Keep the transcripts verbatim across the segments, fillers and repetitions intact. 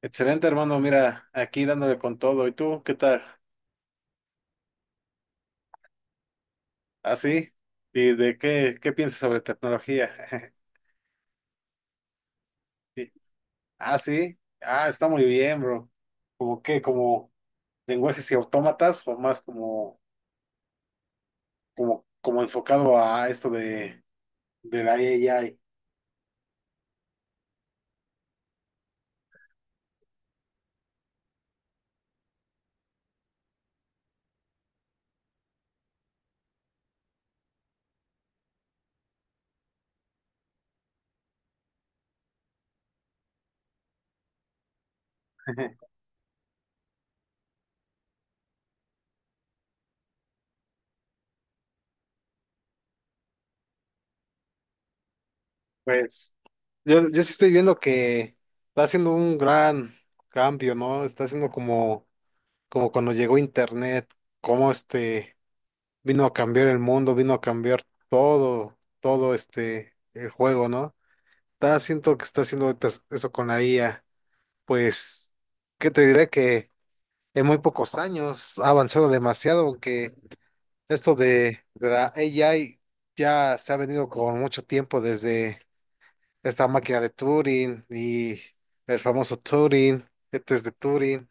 Excelente, hermano. Mira, aquí dándole con todo. ¿Y tú qué tal? ¿Así? ¿Y de qué, qué piensas sobre tecnología? Sí. Ah, sí. Ah, está muy bien, bro. ¿Como qué? ¿Como lenguajes y autómatas o más como, como, como enfocado a esto de, de la A I Pues yo, yo sí estoy viendo que está haciendo un gran cambio, ¿no? Está haciendo como, como cuando llegó Internet. Como este Vino a cambiar el mundo, vino a cambiar todo, todo este, el juego, ¿no? Está, siento que está haciendo ahorita eso con la I A. Pues, ¿qué te diré? Que en muy pocos años ha avanzado demasiado, aunque esto de, de la A I ya se ha venido con mucho tiempo desde esta máquina de Turing y el famoso Turing, test de Turing.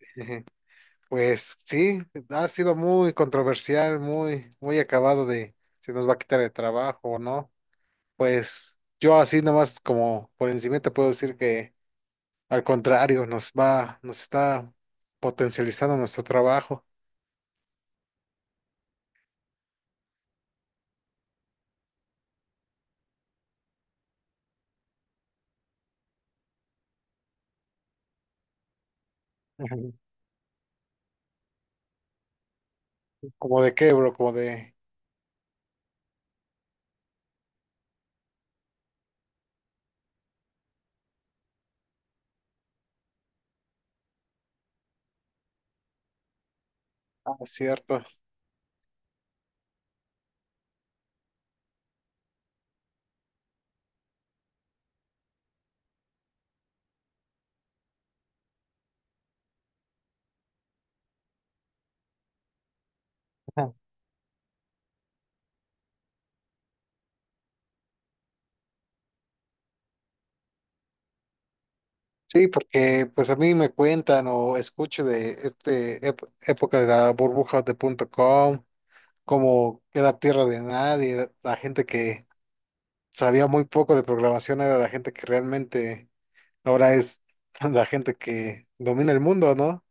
Pues sí, ha sido muy controversial, muy, muy acabado de si nos va a quitar el trabajo o no. Pues yo así nomás como por encima te puedo decir que al contrario, nos va, nos está potencializando nuestro trabajo. Ujú. Como de qué, bro, como de... Ah, es cierto. Ujú. Sí, porque pues a mí me cuentan o escucho de este ep- época de la burbuja de punto com, como que era tierra de nadie, la gente que sabía muy poco de programación, era la gente que realmente ahora es la gente que domina el mundo, ¿no?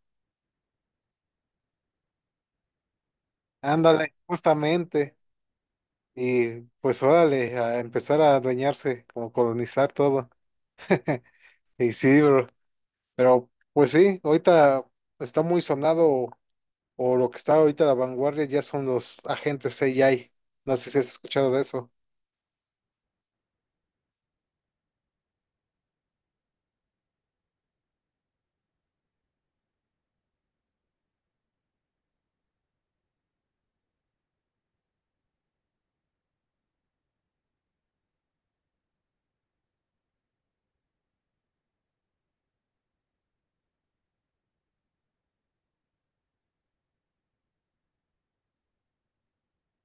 Ándale, justamente. Y pues órale, a empezar a adueñarse, como colonizar todo. Y sí, bro. Pero pues sí, ahorita está muy sonado o lo que está ahorita a la vanguardia ya son los agentes A I. No sé si has escuchado de eso.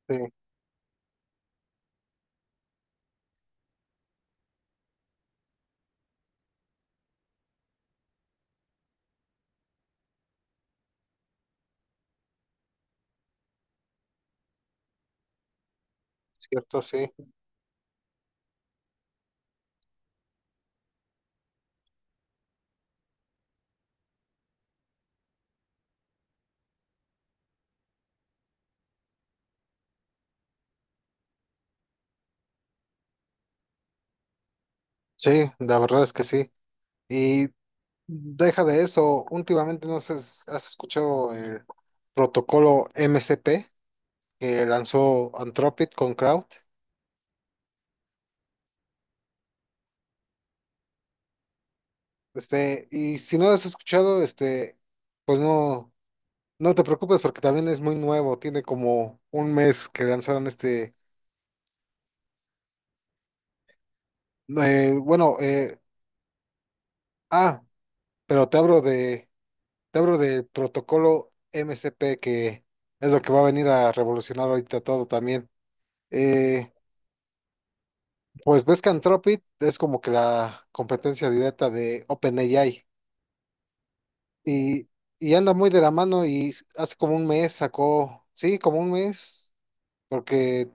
Sí, cierto, sí. Sí, la verdad es que sí. Y deja de eso. Últimamente no sé si has escuchado el protocolo M C P que lanzó Anthropic con Crowd. Este, y si no lo has escuchado, este, pues no, no te preocupes porque también es muy nuevo. Tiene como un mes que lanzaron este. eh, bueno, eh, ah, pero te hablo de, te hablo del protocolo M C P que es lo que va a venir a revolucionar ahorita todo también. Eh, Pues ves que Anthropic es como que la competencia directa de OpenAI y, y anda muy de la mano y s- hace como un mes sacó, sí, como un mes, porque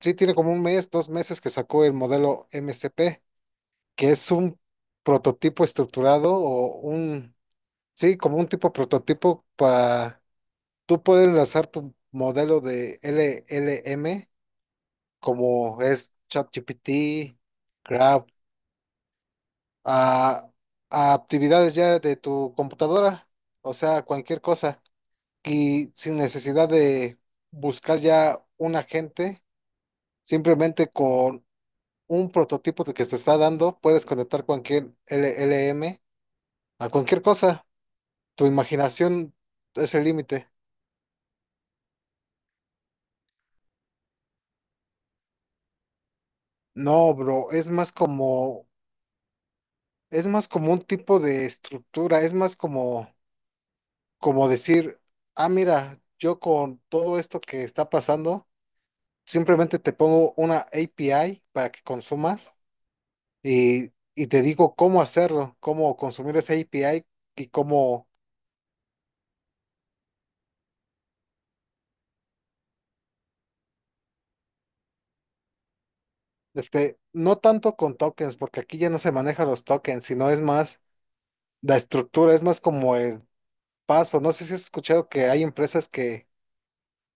sí tiene como un mes, dos meses que sacó el modelo M C P, que es un prototipo estructurado o un, sí, como un tipo prototipo para tú poder enlazar tu modelo de L L M como es ChatGPT, a, a actividades ya de tu computadora, o sea, cualquier cosa, y sin necesidad de buscar ya un agente, simplemente con un prototipo de que te está dando, puedes conectar cualquier L L M a cualquier cosa. Tu imaginación es el límite. No, bro, es más como, es más como un tipo de estructura, es más como, como decir, ah, mira, yo con todo esto que está pasando, simplemente te pongo una API para que consumas y, y te digo cómo hacerlo, cómo consumir esa API y cómo, este, no tanto con tokens, porque aquí ya no se manejan los tokens, sino es más la estructura, es más como el paso. No sé si has escuchado que hay empresas que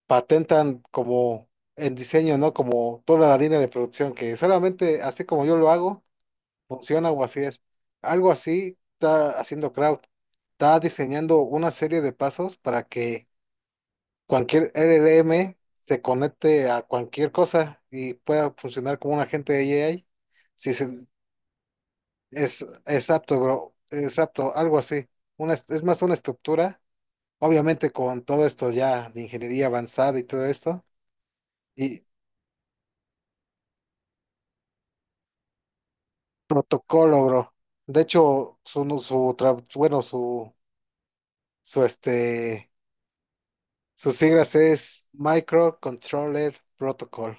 patentan como el diseño, ¿no? Como toda la línea de producción, que solamente así como yo lo hago funciona o así es. Algo así está haciendo Crowd. Está diseñando una serie de pasos para que cualquier L L M se conecte a cualquier cosa y pueda funcionar como un agente de A I. Si se- es, es apto, bro. Es apto, algo así. Una, es es más una estructura, obviamente con todo esto ya de ingeniería avanzada y todo esto. Y protocolo, bro. De hecho, su, no, su, tra- bueno, su, su este Sus siglas es Microcontroller Protocol.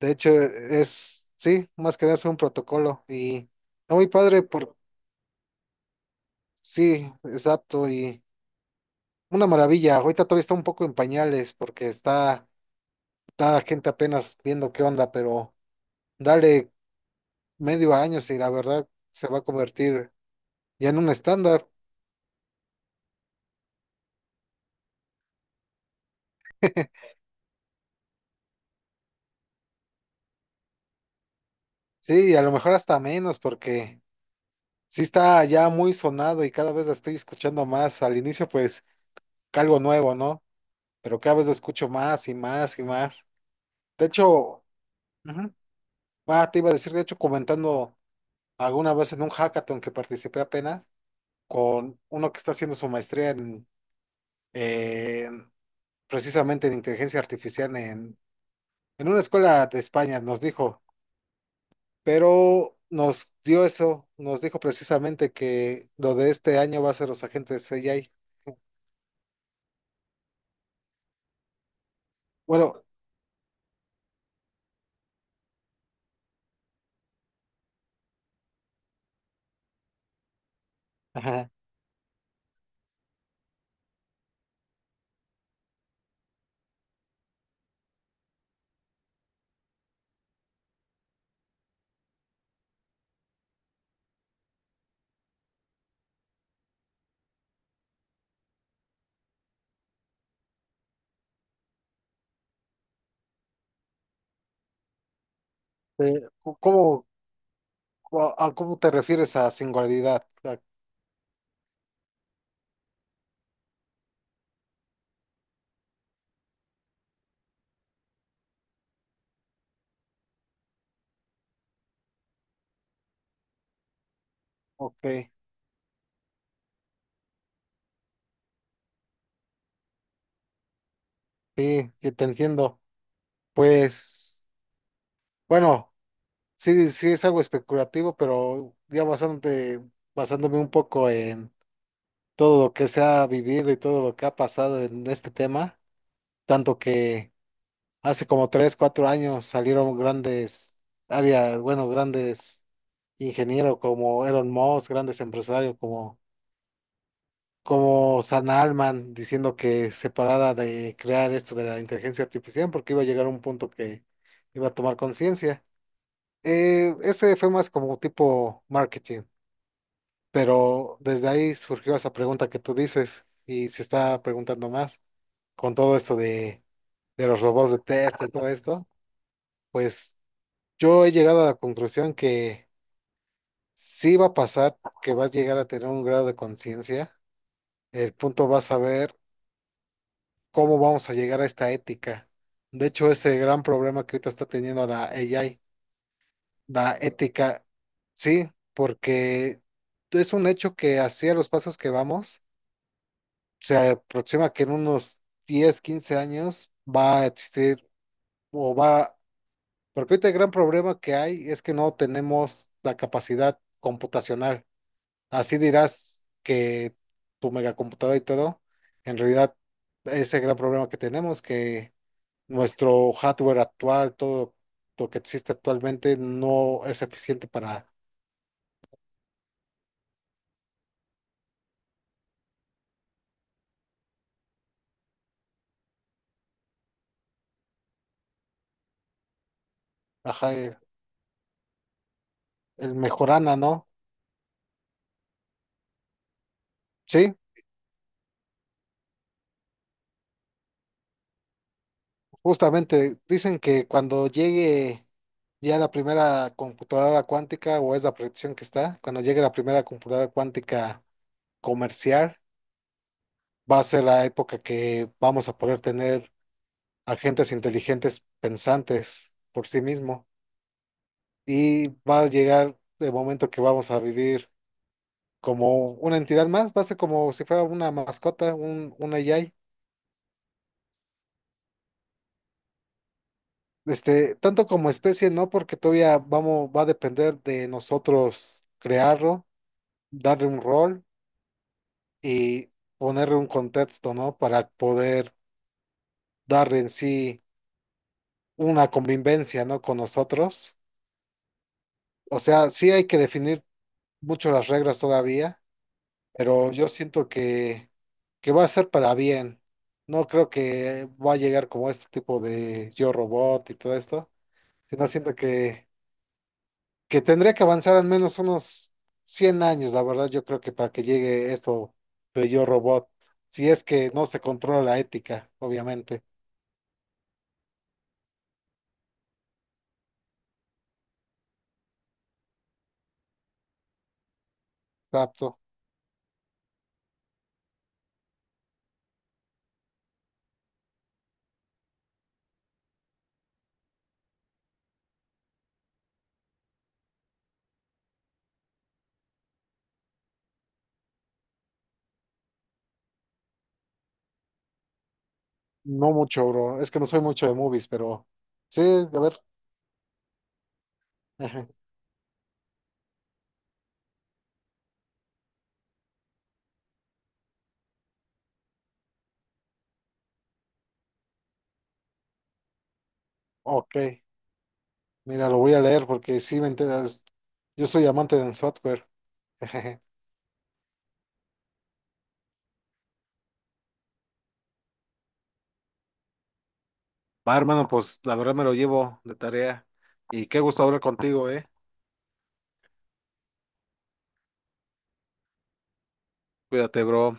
De hecho, es, sí, más que nada es un protocolo y está muy padre por, sí, exacto, y una maravilla. Ahorita todavía está un poco en pañales porque está, está la gente apenas viendo qué onda, pero dale medio año y la verdad se va a convertir ya en un estándar. Sí, y a lo mejor hasta menos porque sí está ya muy sonado y cada vez la estoy escuchando más. Al inicio, pues, algo nuevo, ¿no? Pero cada vez lo escucho más y más y más. De hecho, ujú, ah, te iba a decir, de hecho, comentando alguna vez en un hackathon que participé apenas con uno que está haciendo su maestría en, en- precisamente en inteligencia artificial en, en una escuela de España, nos dijo, pero nos dio eso, nos dijo precisamente que lo de este año va a ser los agentes A I. Bueno, ajá, eh, ¿cómo, a, a cómo te refieres a singularidad? Ah, ok. Sí, sí, te entiendo. Pues, bueno, sí, sí es algo especulativo, pero ya bastante, basándome un poco en todo lo que se ha vivido y todo lo que ha pasado en este tema, tanto que hace como tres, cuatro años salieron grandes áreas, bueno, grandes ingenieros como Elon Musk, grandes empresarios como, como Sam Altman, diciendo que se parara de crear esto de la inteligencia artificial porque iba a llegar a un punto que iba a tomar conciencia. Eh, ese fue más como tipo marketing, pero desde ahí surgió esa pregunta que tú dices y se está preguntando más con todo esto de, de los robots de test y todo esto, pues yo he llegado a la conclusión que sí va a pasar, que vas a llegar a tener un grado de conciencia, el punto va a saber cómo vamos a llegar a esta ética. De hecho, ese gran problema que ahorita está teniendo la A I la ética, sí, porque es un hecho que hacia los pasos que vamos, se aproxima que en unos diez quince años va a existir o va, porque ahorita el gran problema que hay es que no tenemos la capacidad computacional. Así dirás que tu megacomputadora y todo, en realidad es el gran problema que tenemos, que nuestro hardware actual, todo lo que existe actualmente no es eficiente para... Ajá, el Mejorana, ¿no? Sí, justamente dicen que cuando llegue ya la primera computadora cuántica, o es la proyección que está, cuando llegue la primera computadora cuántica comercial, va a ser la época que vamos a poder tener agentes inteligentes pensantes por sí mismo. Y va a llegar el momento que vamos a vivir como una entidad más, va a ser como si fuera una mascota, un, un A I. Este, tanto como especie, ¿no? Porque todavía vamos, va a depender de nosotros crearlo, darle un rol y ponerle un contexto, ¿no? Para poder darle en sí una convivencia, ¿no? Con nosotros. O sea, sí hay que definir mucho las reglas todavía, pero yo siento que, que va a ser para bien. No creo que va a llegar como este tipo de Yo Robot y todo esto, sino siento que que tendría que avanzar al menos unos cien años, la verdad, yo creo que para que llegue esto de Yo Robot, si es que no se controla la ética, obviamente. Exacto. No mucho, bro. Es que no soy mucho de movies, pero sí, a ver. Ajá. Ok, mira, lo voy a leer porque sí me enteras. Yo soy amante del software. Va, hermano, pues la verdad me lo llevo de tarea. Y qué gusto hablar contigo, eh. Cuídate, bro.